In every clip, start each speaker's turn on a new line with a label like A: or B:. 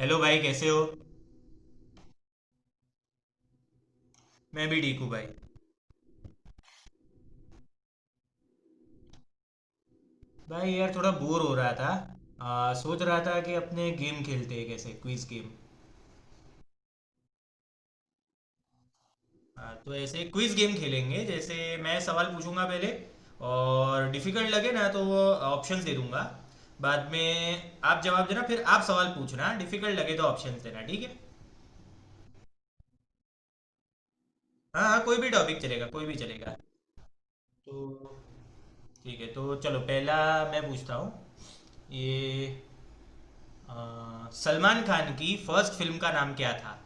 A: Hello भाई कैसे हो। मैं भी ठीक हूँ भाई। भाई यार थोड़ा बोर हो रहा था। सोच रहा था कि अपने गेम खेलते हैं कैसे क्विज गेम। तो ऐसे क्विज गेम खेलेंगे जैसे मैं सवाल पूछूंगा पहले और डिफिकल्ट लगे ना तो वो ऑप्शंस दे दूंगा। बाद में आप जवाब देना फिर आप सवाल पूछना डिफिकल्ट लगे तो ऑप्शंस देना ठीक है। हाँ हाँ कोई भी टॉपिक चलेगा कोई भी चलेगा। तो ठीक है तो चलो पहला मैं पूछता हूँ ये सलमान खान की फर्स्ट फिल्म का नाम क्या था।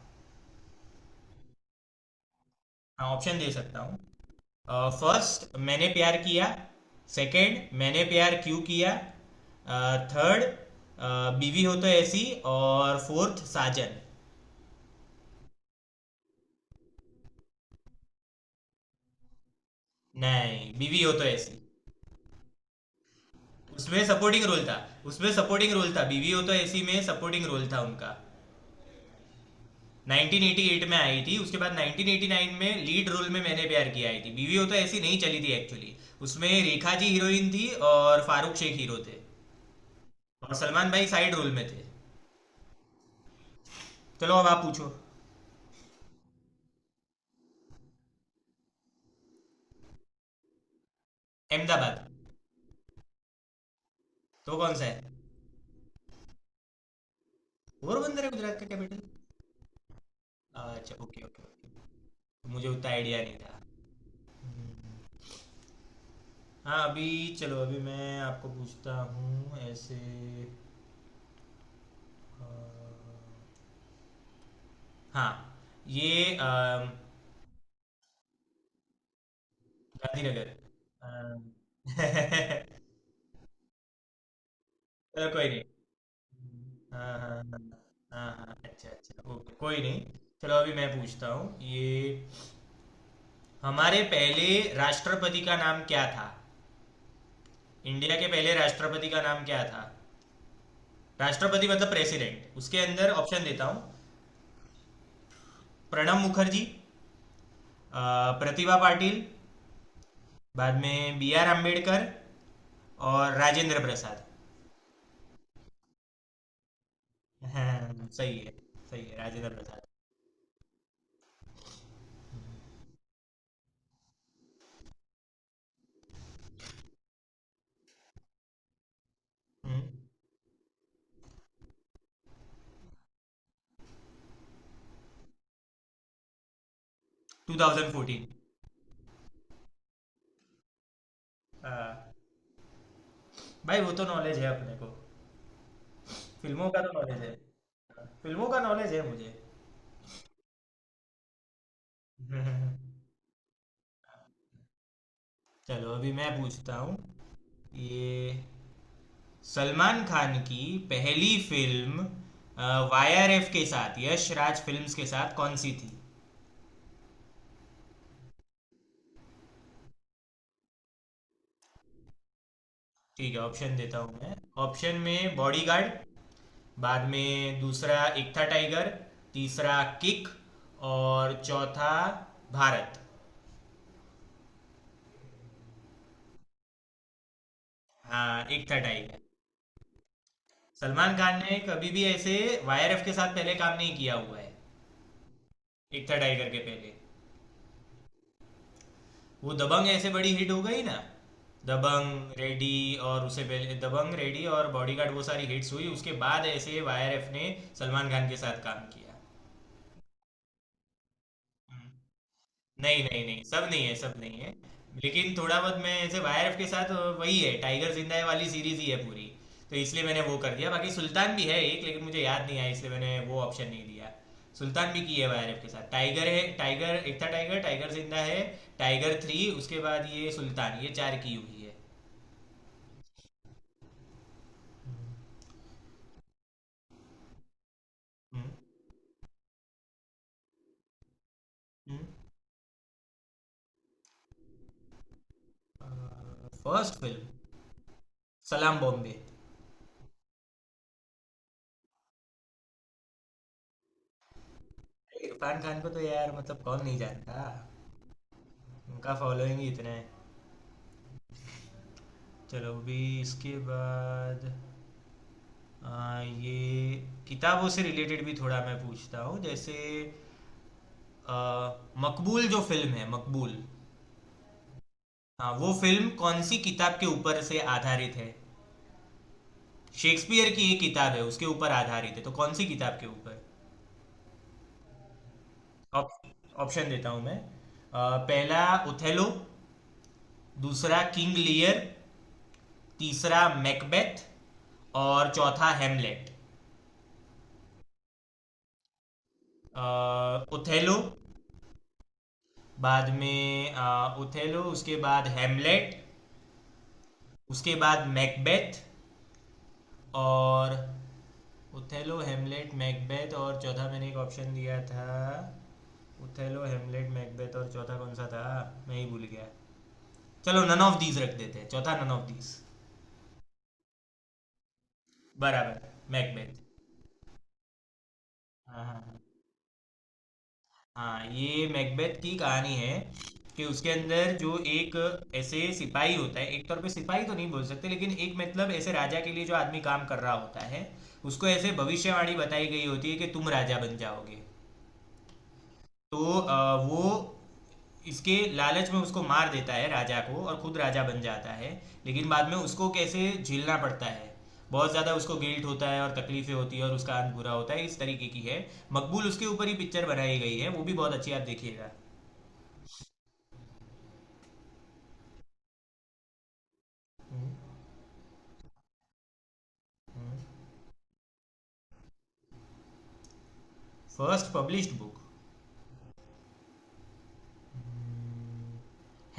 A: हाँ ऑप्शन दे सकता हूँ। फर्स्ट मैंने प्यार किया। सेकंड मैंने प्यार क्यों किया। थर्ड बीवी हो तो ऐसी। और फोर्थ साजन। नहीं बीवी हो तो ऐसी। उसमें सपोर्टिंग रोल था। उसमें सपोर्टिंग रोल था बीवी हो तो ऐसी में सपोर्टिंग रोल था उनका। 1988 में आई थी उसके बाद 1989 में लीड रोल में मैंने प्यार किया आई थी बीवी हो तो ऐसी नहीं चली थी एक्चुअली। उसमें रेखा जी हीरोइन थी और फारूक शेख हीरो थे। और सलमान भाई साइड रोल में थे। चलो अब आप पूछो। अहमदाबाद। तो कौन सा है। पोरबंदर है गुजरात का कैपिटल। अच्छा ओके ओके ओके। मुझे उतना आइडिया नहीं था। हम्म, हाँ अभी चलो अभी मैं आपको पूछता हूँ ऐसे अ, हाँ ये गांधीनगर। अम, चलो कोई नहीं। हाँ हाँ हाँ हाँ। हाँ, अच्छा अच्छा ओके कोई नहीं। चलो अभी मैं पूछता हूँ ये हमारे पहले राष्ट्रपति का नाम क्या था। इंडिया के पहले राष्ट्रपति का नाम क्या था। राष्ट्रपति मतलब प्रेसिडेंट उसके अंदर ऑप्शन देता हूँ। प्रणब मुखर्जी। प्रतिभा पाटिल। बाद में बी आर अम्बेडकर। और राजेंद्र प्रसाद। हाँ, सही है। सही है राजेंद्र प्रसाद। 2014। हाँ, भाई वो तो नॉलेज है अपने को। फिल्मों का तो नॉलेज है। फिल्मों का नॉलेज है मुझे। चलो अभी मैं पूछता हूँ ये सलमान खान की पहली फिल्म वाईआरएफ के साथ यश राज फिल्म्स के साथ कौन सी थी। ठीक है ऑप्शन देता हूँ मैं। ऑप्शन में बॉडीगार्ड। बाद में दूसरा एक था टाइगर। तीसरा किक। और चौथा भारत। हाँ एक था टाइगर। सलमान खान ने कभी भी ऐसे वाईआरएफ के साथ पहले काम नहीं किया हुआ है। एक था टाइगर के पहले वो दबंग ऐसे बड़ी हिट हो गई ना। दबंग रेडी। और उसे पहले दबंग रेडी और बॉडीगार्ड वो सारी हिट्स हुई उसके बाद ऐसे वाईआरएफ ने सलमान खान के साथ काम किया। नहीं नहीं नहीं सब नहीं है सब नहीं है। लेकिन थोड़ा बहुत मैं ऐसे वाईआरएफ के साथ वही है टाइगर जिंदा है वाली सीरीज ही है पूरी। तो इसलिए मैंने वो कर दिया बाकी सुल्तान भी है एक लेकिन मुझे याद नहीं आया इसलिए मैंने वो ऑप्शन नहीं दिया। सुल्तान भी की है वाईआरएफ के साथ टाइगर है Tiger Ek Tha Tiger Tiger Zinda Hai Tiger three उसके बाद ये सुल्तान ये चार की हुई है। हम्म। हुँ। फर्स्ट फिल्म सलाम बॉम्बे। इरफान खान को तो यार मतलब कौन नहीं जानता। उनका फॉलोइंग ही इतना है। चलो अभी इसके बाद ये किताबों से रिलेटेड भी थोड़ा मैं पूछता हूँ जैसे अ, मकबूल जो फिल्म है मकबूल। हाँ वो फिल्म कौन सी किताब के ऊपर से आधारित है। शेक्सपियर की एक किताब है उसके ऊपर आधारित है तो कौन सी किताब के ऊपर। ऑप्शन देता हूँ मैं। पहला ओथेलो। दूसरा किंग लियर। तीसरा मैकबेथ। और चौथा हेमलेट। उथेलो। बाद में उथेलो उसके बाद हेमलेट। उसके बाद मैकबेथ। और उथेलो हेमलेट मैकबेथ और चौथा मैंने एक ऑप्शन दिया था। उथेलो हेमलेट मैकबेथ और चौथा कौन सा था। मैं ही भूल गया। चलो नन ऑफ दीज रख देते हैं चौथा नन ऑफ दीज। बराबर मैकबेथ। हाँ हाँ हाँ। हाँ ये मैकबेथ की कहानी है कि उसके अंदर जो एक ऐसे सिपाही होता है एक तौर पे सिपाही तो नहीं बोल सकते लेकिन एक मतलब ऐसे राजा के लिए जो आदमी काम कर रहा होता है उसको ऐसे भविष्यवाणी बताई गई होती है कि तुम राजा बन जाओगे। तो वो इसके लालच में उसको मार देता है राजा को और खुद राजा बन जाता है। लेकिन बाद में उसको कैसे झेलना पड़ता है। बहुत ज़्यादा उसको गिल्ट होता है और तकलीफें होती है और उसका अंत बुरा होता है इस तरीके की है। मकबूल उसके ऊपर ही पिक्चर बनाई गई है वो भी बहुत अच्छी आप देखिएगा। हम्म। First published book.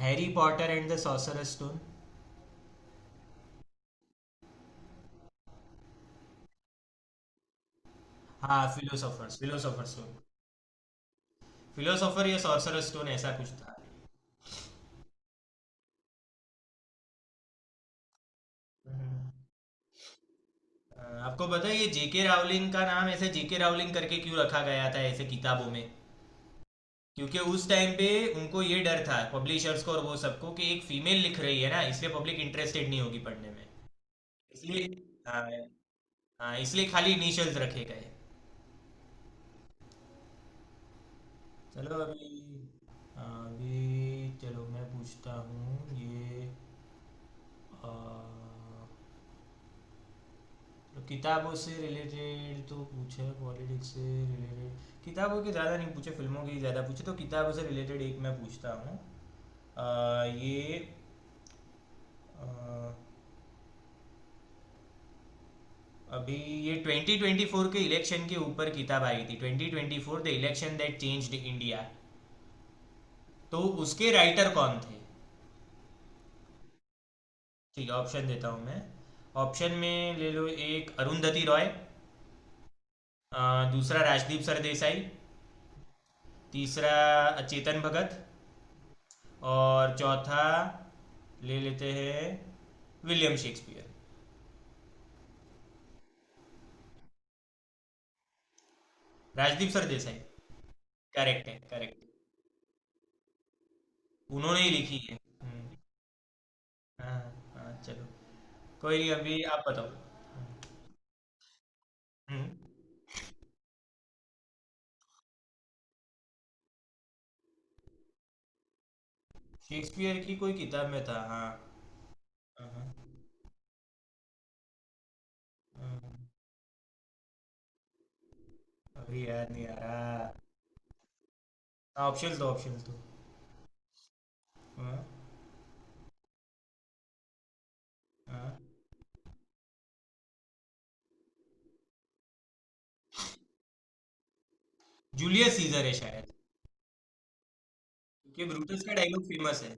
A: Harry Potter and the sorcerer stone. हाँ फिलोसोफर फिलोसोफर स्टोन। फिलोसोफर या सॉर्सरर स्टोन ऐसा कुछ था। अ, आपको पता है ये जेके रावलिंग का नाम ऐसे जेके रावलिंग करके क्यों रखा गया था ऐसे किताबों में। क्योंकि उस टाइम पे उनको ये डर था पब्लिशर्स को और वो सबको कि एक फीमेल लिख रही है ना इसलिए पब्लिक इंटरेस्टेड नहीं होगी पढ़ने में। इसलिए हाँ हाँ, इसलिए खाली इनिशियल्स रखे गए। चलो अभी अभी चलो मैं पूछता हूँ ये अ, तो किताबों से रिलेटेड तो पूछे पॉलिटिक्स से रिलेटेड किताबों के ज़्यादा नहीं पूछे फिल्मों के ज़्यादा पूछे तो किताबों से रिलेटेड एक मैं पूछता हूँ ये अ, अभी ये 2024 के इलेक्शन के ऊपर किताब आई थी 2024 the election that changed India. तो उसके राइटर कौन थे। ठीक है ऑप्शन देता हूँ मैं। ऑप्शन में ले लो एक अरुंधति रॉय। अ, दूसरा राजदीप सरदेसाई। तीसरा चेतन भगत। और चौथा ले लेते हैं William Shakespeare. Rajdeep Sardesai. Correct है करेक्ट। उन्होंने ही लिखी है। हम्म, हाँ हाँ चलो कोई नहीं अभी आप बताओ। हम्म। शेक्सपियर की कोई किताब में था हाँ। हाँ, हाँ, हाँ। अभी याद नहीं आ रहा। ऑप्शन दो ऑप्शन दो। हाँ हाँ जूलियस सीजर है शायद कि ब्रूटस का डायलॉग फेमस है।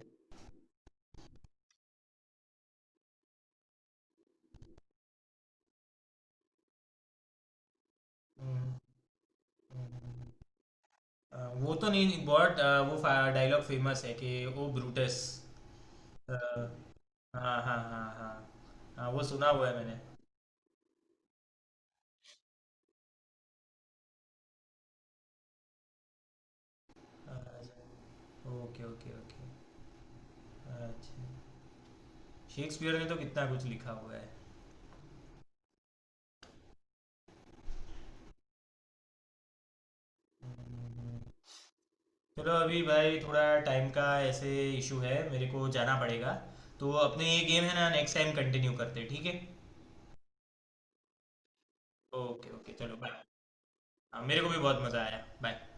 A: हम्म, हम्म, हाँ, वो तो नहीं बहुत वो डायलॉग फेमस है कि ओ ब्रूटस। आ, हाँ हाँ हाँ हाँ। हाँ वो सुना हुआ है मैंने। आ, ओके ओके ओके। अच्छा शेक्सपियर ने तो कितना कुछ लिखा हुआ है। हम्म, चलो अभी भाई थोड़ा टाइम का ऐसे इशू है मेरे को जाना पड़ेगा। तो अपने ये गेम है ना नेक्स्ट टाइम कंटिन्यू करते हैं, ठीक है। ओके ओके चलो बाय। हाँ मेरे को भी बहुत मज़ा आया बाय।